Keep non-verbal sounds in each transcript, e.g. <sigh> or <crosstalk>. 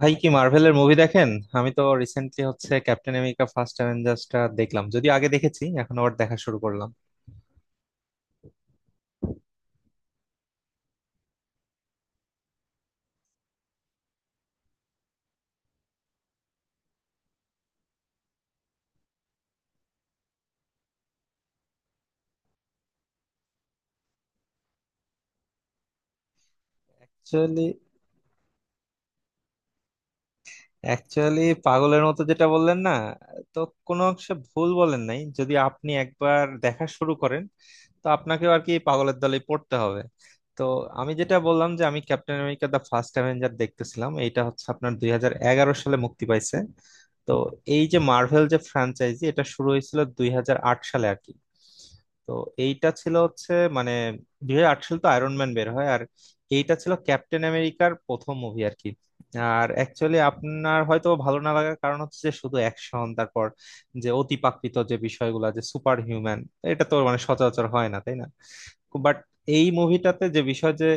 ভাই, কি মার্ভেলের মুভি দেখেন? আমি তো রিসেন্টলি হচ্ছে ক্যাপ্টেন আমেরিকা ফার্স্ট অ্যাভেঞ্জার্সটা দেখলাম, যদিও আগে দেখেছি, এখন আবার দেখা শুরু করলাম। অ্যাকচুয়ালি অ্যাকচুয়ালি পাগলের মতো যেটা বললেন না, তো কোনো অংশে ভুল বলেন নাই। যদি আপনি একবার দেখা শুরু করেন, তো আপনাকেও আর কি পাগলের দলে পড়তে হবে। তো আমি যেটা বললাম, যে আমি Captain America the first Avenger দেখতেছিলাম, এইটা হচ্ছে আপনার 2011 সালে মুক্তি পাইছে। তো এই যে মার্ভেল যে ফ্র্যাঞ্চাইজি, এটা শুরু হয়েছিল 2008 সালে আর কি। তো এইটা ছিল হচ্ছে, মানে 2008 সালে তো আয়রন ম্যান বের হয়, আর এইটা ছিল ক্যাপ্টেন আমেরিকার প্রথম মুভি আর কি। আর অ্যাকচুয়ালি আপনার হয়তো ভালো না লাগার কারণ হচ্ছে, যে শুধু অ্যাকশন, তারপর যে অতিপ্রাকৃত যে বিষয়গুলো, যে সুপার হিউম্যান, এটা তো মানে সচরাচর হয় না, তাই না? বাট এই মুভিটাতে যে বিষয়, যে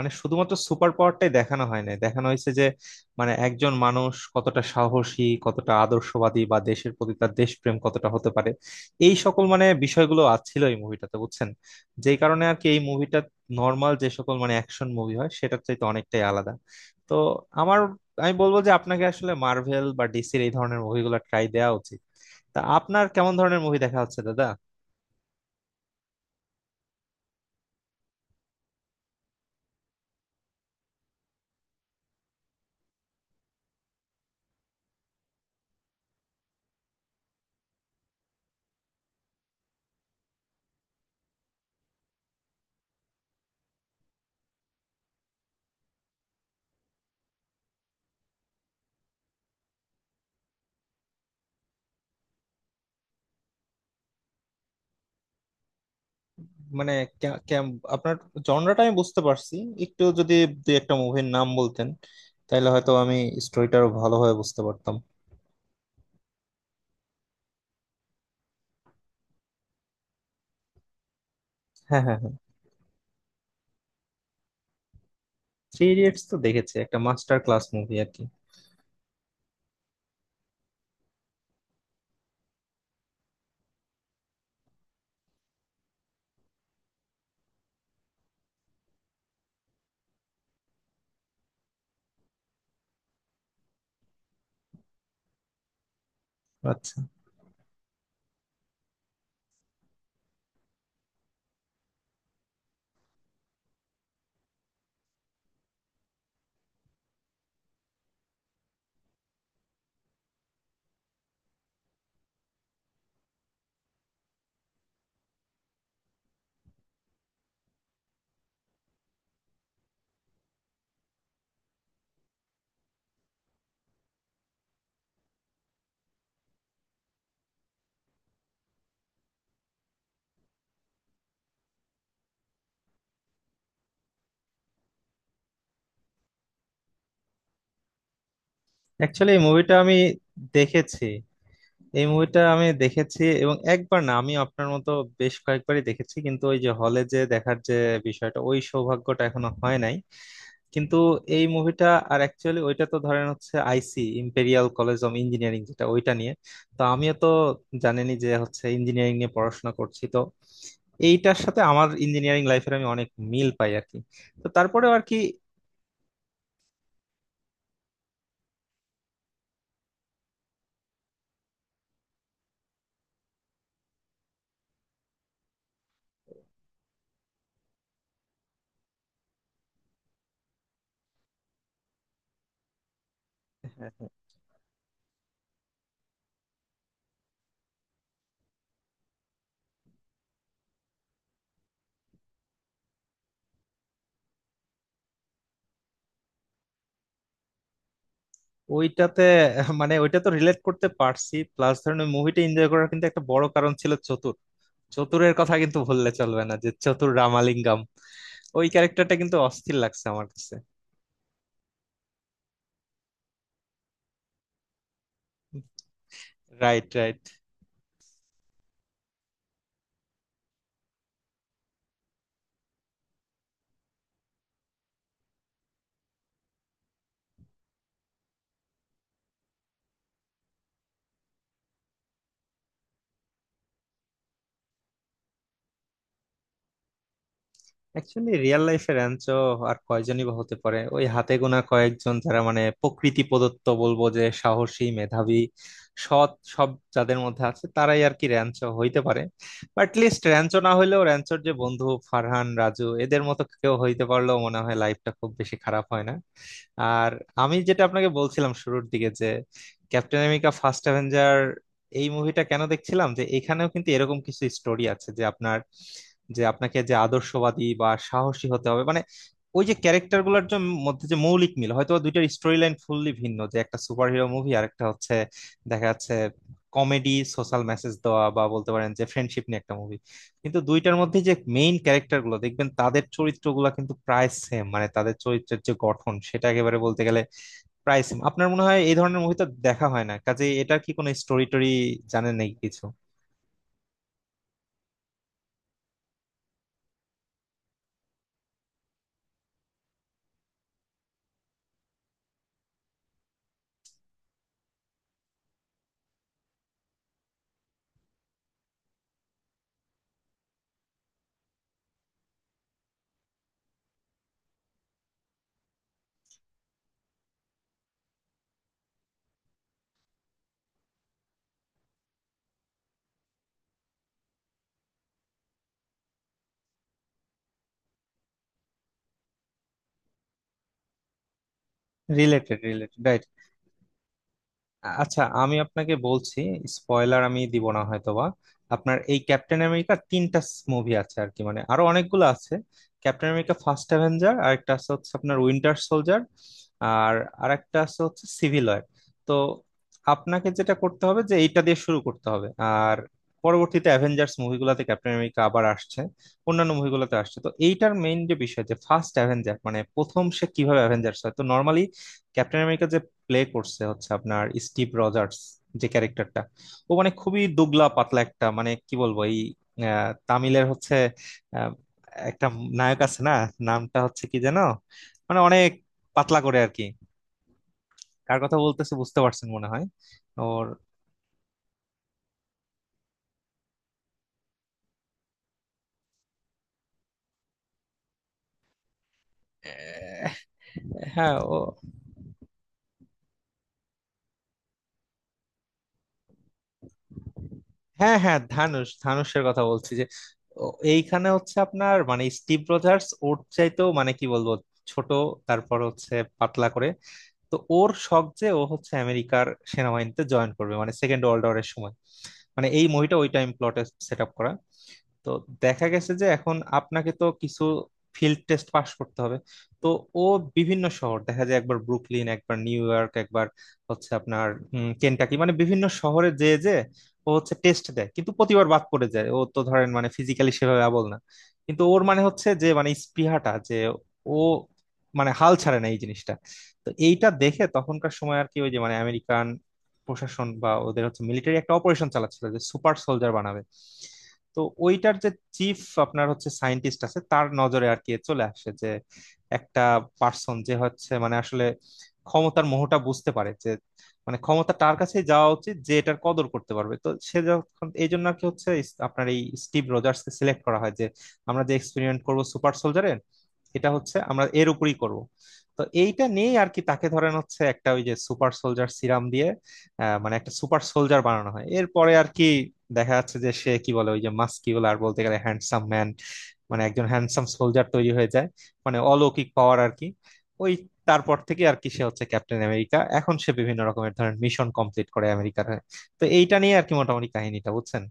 মানে শুধুমাত্র সুপার পাওয়ারটাই দেখানো হয় না, দেখানো হয়েছে যে মানে একজন মানুষ কতটা সাহসী, কতটা আদর্শবাদী, বা দেশের প্রতি তার দেশপ্রেম কতটা হতে পারে। এই সকল মানে বিষয়গুলো আছিল এই মুভিটাতে, বুঝছেন? যেই কারণে আর কি এই মুভিটা নর্মাল যে সকল মানে অ্যাকশন মুভি হয় সেটার চাইতে অনেকটাই আলাদা। তো আমার, আমি বলবো যে আপনাকে আসলে মার্ভেল বা ডিসির এই ধরনের মুভিগুলো ট্রাই দেওয়া উচিত। তা আপনার কেমন ধরনের মুভি দেখা হচ্ছে দাদা? মানে আপনার জনরাটা আমি বুঝতে পারছি। একটু যদি দুই একটা মুভির নাম বলতেন, তাহলে হয়তো আমি স্টোরিটা আরো ভালোভাবে বুঝতে পারতাম। হ্যাঁ, হ্যাঁ, হ্যাঁ। থ্রি ইডিয়টস তো দেখেছি, একটা মাস্টার ক্লাস মুভি আর কি। আচ্ছা। অ্যাকচুয়ালি এই মুভিটা আমি দেখেছি। এই মুভিটা আমি দেখেছি, এবং একবার না, আমি আপনার মতো বেশ কয়েকবারই দেখেছি, কিন্তু ওই যে হলে যে দেখার যে বিষয়টা, ওই সৌভাগ্যটা এখনো হয় নাই। কিন্তু এই মুভিটা, আর অ্যাকচুয়ালি ওইটা তো ধরেন হচ্ছে আইসি ইম্পেরিয়াল কলেজ অফ ইঞ্জিনিয়ারিং, যেটা ওইটা নিয়ে। তো আমিও তো জানেনই যে হচ্ছে ইঞ্জিনিয়ারিং নিয়ে পড়াশোনা করছি, তো এইটার সাথে আমার ইঞ্জিনিয়ারিং লাইফের আমি অনেক মিল পাই আর কি। তো তারপরেও আর কি। হ্যাঁ, হ্যাঁ। ওইটাতে মানে ওইটা তো রিলেট করতে পারছি, প্লাস ধরেন ওই মুভিটা এনজয় করার কিন্তু একটা বড় কারণ ছিল চতুর। চতুরের কথা কিন্তু ভুললে চলবে না, যে চতুর রামালিঙ্গম, ওই ক্যারেক্টারটা কিন্তু অস্থির লাগছে আমার কাছে। Right, right. অ্যাকচুয়ালি রিয়েল লাইফের র্যাঞ্চো আর কয়জনই বা হতে পারে? ওই হাতে গোনা কয়েকজন, যারা মানে প্রকৃতি প্রদত্ত বলবো, যে সাহসী, মেধাবী, সৎ সব যাদের মধ্যে আছে, তারাই আর কি র্যাঞ্চো হইতে পারে। বাট লিস্ট র্যাঞ্চো না হইলেও র্যাঞ্চোর যে বন্ধু ফারহান, রাজু, এদের মতো কেউ হইতে পারলেও মনে হয় লাইফটা খুব বেশি খারাপ হয় না। আর আমি যেটা আপনাকে বলছিলাম শুরুর দিকে, যে ক্যাপ্টেন আমেরিকা ফার্স্ট অ্যাভেঞ্জার, এই মুভিটা কেন দেখছিলাম, যে এখানেও কিন্তু এরকম কিছু স্টোরি আছে, যে আপনার, যে আপনাকে যে আদর্শবাদী বা সাহসী হতে হবে, মানে ওই যে ক্যারেক্টার গুলোর মধ্যে যে মৌলিক মিল, হয়তো দুইটার স্টোরি লাইন ফুললি ভিন্ন, যে একটা সুপার হিরো মুভি, আর একটা হচ্ছে দেখা যাচ্ছে কমেডি, সোশ্যাল মেসেজ দেওয়া, বা বলতে পারেন যে ফ্রেন্ডশিপ নিয়ে একটা মুভি। কিন্তু দুইটার মধ্যে যে মেইন ক্যারেক্টার গুলো দেখবেন, তাদের চরিত্রগুলো কিন্তু প্রায় সেম, মানে তাদের চরিত্রের যে গঠন সেটা একেবারে বলতে গেলে প্রায় সেম। আপনার মনে হয় এই ধরনের মুভি তো দেখা হয় না, কাজে এটার কি কোনো স্টোরি টোরি জানেন নাকি কিছু? Related, related. আচ্ছা, আমি আপনাকে বলছি, স্পয়লার আমি দিব না হয়তোবা। আপনার এই ক্যাপ্টেন আমেরিকা তিনটা মুভি আছে আর কি, মানে আরো অনেকগুলো আছে। ক্যাপ্টেন আমেরিকা ফার্স্ট অ্যাভেঞ্জার, আর একটা আছে হচ্ছে আপনার উইন্টার সোলজার, আর আর একটা আছে হচ্ছে সিভিল ওয়ার। তো আপনাকে যেটা করতে হবে, যে এইটা দিয়ে শুরু করতে হবে। আর পরবর্তীতে অ্যাভেঞ্জার্স মুভিগুলোতে ক্যাপ্টেন আমেরিকা আবার আসছে, অন্যান্য মুভিগুলোতে আসছে। তো এইটার মেইন যে বিষয়, যে ফার্স্ট অ্যাভেঞ্জার মানে প্রথম সে কিভাবে অ্যাভেঞ্জার্স হয়। তো নর্মালি ক্যাপ্টেন আমেরিকা প্লে করছে হচ্ছে আপনার স্টিভ রজার্স, যে ক্যারেক্টারটা, ও মানে খুবই দুবলা পাতলা একটা, মানে কি বলবো, এই তামিলের হচ্ছে আহ, একটা নায়ক আছে না, নামটা হচ্ছে কি যেন, মানে অনেক পাতলা করে আর কি। কার কথা বলতেছে বুঝতে পারছেন মনে হয়? ওর আহ, হ্যাঁ, ও। হ্যাঁ হ্যাঁ, ধানুষ, ধানুষের কথা বলছি, যে ও, এইখানে হচ্ছে আপনার মানে স্টিভ রজার্স ওর চাইতেও, মানে কি বলবো, ছোট, তারপর হচ্ছে পাতলা করে। তো ওর শখ যে ও হচ্ছে আমেরিকার সেনাবাহিনীতে জয়েন করবে, মানে সেকেন্ড ওয়ার্ল্ড ওয়ারের সময়, মানে এই মুভিটা ওই টাইম প্লটে সেট আপ করা। তো দেখা গেছে যে এখন আপনাকে তো কিছু ফিল্ড টেস্ট পাস করতে হবে। তো ও বিভিন্ন শহর দেখা যায়, একবার ব্রুকলিন, একবার নিউ ইয়র্ক, একবার হচ্ছে আপনার কেনটাকি, মানে বিভিন্ন শহরে যে যে ও হচ্ছে টেস্ট দেয়, কিন্তু প্রতিবার বাদ পড়ে যায়। ও তো ধরেন মানে ফিজিক্যালি সেভাবে আবল না, কিন্তু ওর মানে হচ্ছে যে মানে স্পৃহাটা, যে ও মানে হাল ছাড়ে না, এই জিনিসটা। তো এইটা দেখে তখনকার সময় আর কি ওই যে মানে আমেরিকান প্রশাসন বা ওদের হচ্ছে মিলিটারি একটা অপারেশন চালাচ্ছিল, যে সুপার সোলজার বানাবে। তো ওইটার যে চিফ, আপনার হচ্ছে সায়েন্টিস্ট আছে, তার নজরে আর কি চলে আসে যে একটা পার্সন, যে হচ্ছে মানে আসলে ক্ষমতার মোহটা বুঝতে পারে, যে মানে ক্ষমতা তার কাছে যাওয়া উচিত যে এটার কদর করতে পারবে। তো সে যখন এই জন্য আর কি হচ্ছে আপনার এই স্টিভ রজার্স কে সিলেক্ট করা হয়, যে আমরা যে এক্সপেরিমেন্ট করব সুপার সোলজারে, এটা হচ্ছে আমরা এর উপরই করব। তো এইটা নিয়েই আর কি তাকে ধরেন হচ্ছে একটা ওই যে সুপার সোলজার সিরাম দিয়ে, মানে একটা সুপার সোলজার বানানো হয়। এরপরে আর কি দেখা যাচ্ছে যে সে কি বলে ওই যে মাস্কিউলার, বলতে গেলে হ্যান্ডসাম ম্যান, মানে একজন হ্যান্ডসাম সোলজার তৈরি হয়ে যায়, মানে অলৌকিক পাওয়ার আর কি। ওই তারপর থেকে আর কি সে হচ্ছে ক্যাপ্টেন আমেরিকা, এখন সে বিভিন্ন রকমের ধরেন মিশন কমপ্লিট করে আমেরিকার হয়ে। তো এইটা নিয়ে আর কি মোটামুটি কাহিনীটা বুঝছেন।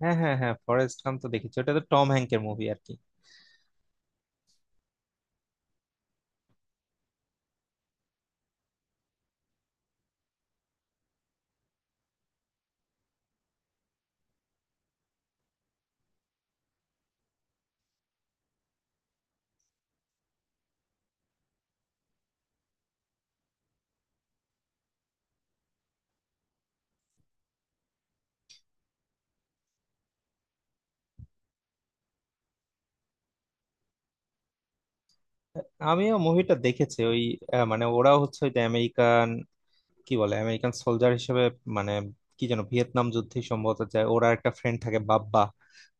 হ্যাঁ, হ্যাঁ, হ্যাঁ, ফরেস্ট গাম্প তো দেখেছি, ওটা তো টম হ্যাঙ্কের মুভি আর কি। আমিও মুভিটা দেখেছি ওই, মানে ওরা হচ্ছে ওই যে আমেরিকান, কি বলে আমেরিকান সোলজার হিসেবে, মানে কি যেন ভিয়েতনাম যুদ্ধে সম্ভবত যায়। ওরা একটা ফ্রেন্ড থাকে, বাব্বা,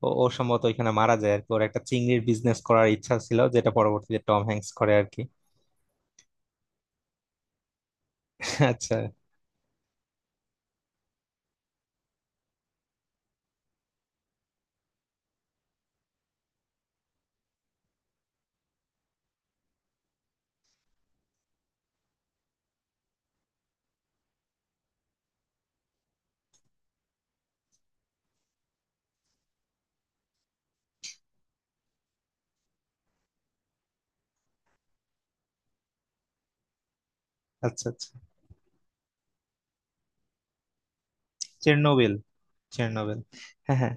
ও ও সম্ভবত ওইখানে মারা যায় আর কি। ওর একটা চিংড়ির বিজনেস করার ইচ্ছা ছিল, যেটা পরবর্তীতে টম হ্যাঙ্কস করে আর কি। <laughs> আচ্ছা, আচ্ছা, আচ্ছা। চেরনোবিল। চেরনোবিল। হ্যাঁ, হ্যাঁ,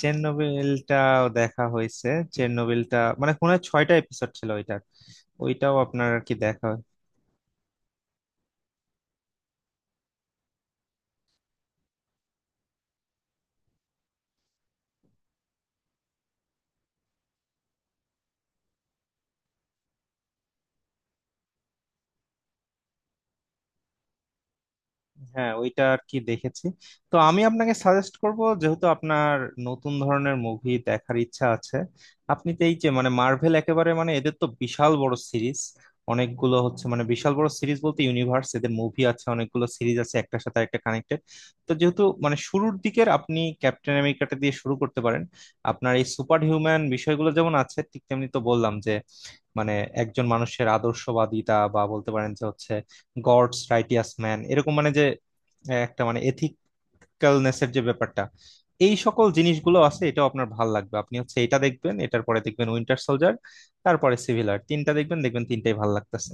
চেরনোবিলটাও দেখা হয়েছে। চেরনোবিলটা মানে কোন ছয়টা এপিসোড ছিল ওইটার, ওইটাও আপনার আর কি দেখা। হ্যাঁ, ওইটা আর কি দেখেছি। তো আমি আপনাকে সাজেস্ট করব, যেহেতু আপনার নতুন ধরনের মুভি দেখার ইচ্ছা আছে, আপনি তো এই যে মানে মার্ভেল একেবারে মানে এদের তো বিশাল বড় সিরিজ, অনেকগুলো হচ্ছে। মানে বিশাল বড় সিরিজ বলতে, ইউনিভার্স, এদের মুভি আছে অনেকগুলো, সিরিজ আছে, একটার সাথে একটা কানেক্টেড। তো যেহেতু মানে শুরুর দিকের, আপনি ক্যাপ্টেন আমেরিকাটা দিয়ে শুরু করতে পারেন। আপনার এই সুপার হিউম্যান বিষয়গুলো যেমন আছে, ঠিক তেমনি তো বললাম যে, মানে একজন মানুষের আদর্শবাদিতা, বা বলতে পারেন যে হচ্ছে গডস রাইটিয়াস ম্যান এরকম, মানে যে একটা মানে এথিক্যালনেস এর যে ব্যাপারটা, এই সকল জিনিসগুলো আছে। এটাও আপনার ভাল লাগবে। আপনি হচ্ছে এটা দেখবেন, এটার পরে দেখবেন উইন্টার সোলজার, তারপরে সিভিল ওয়ার, তিনটা দেখবেন, দেখবেন তিনটাই ভাল লাগতেছে।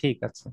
ঠিক আছে।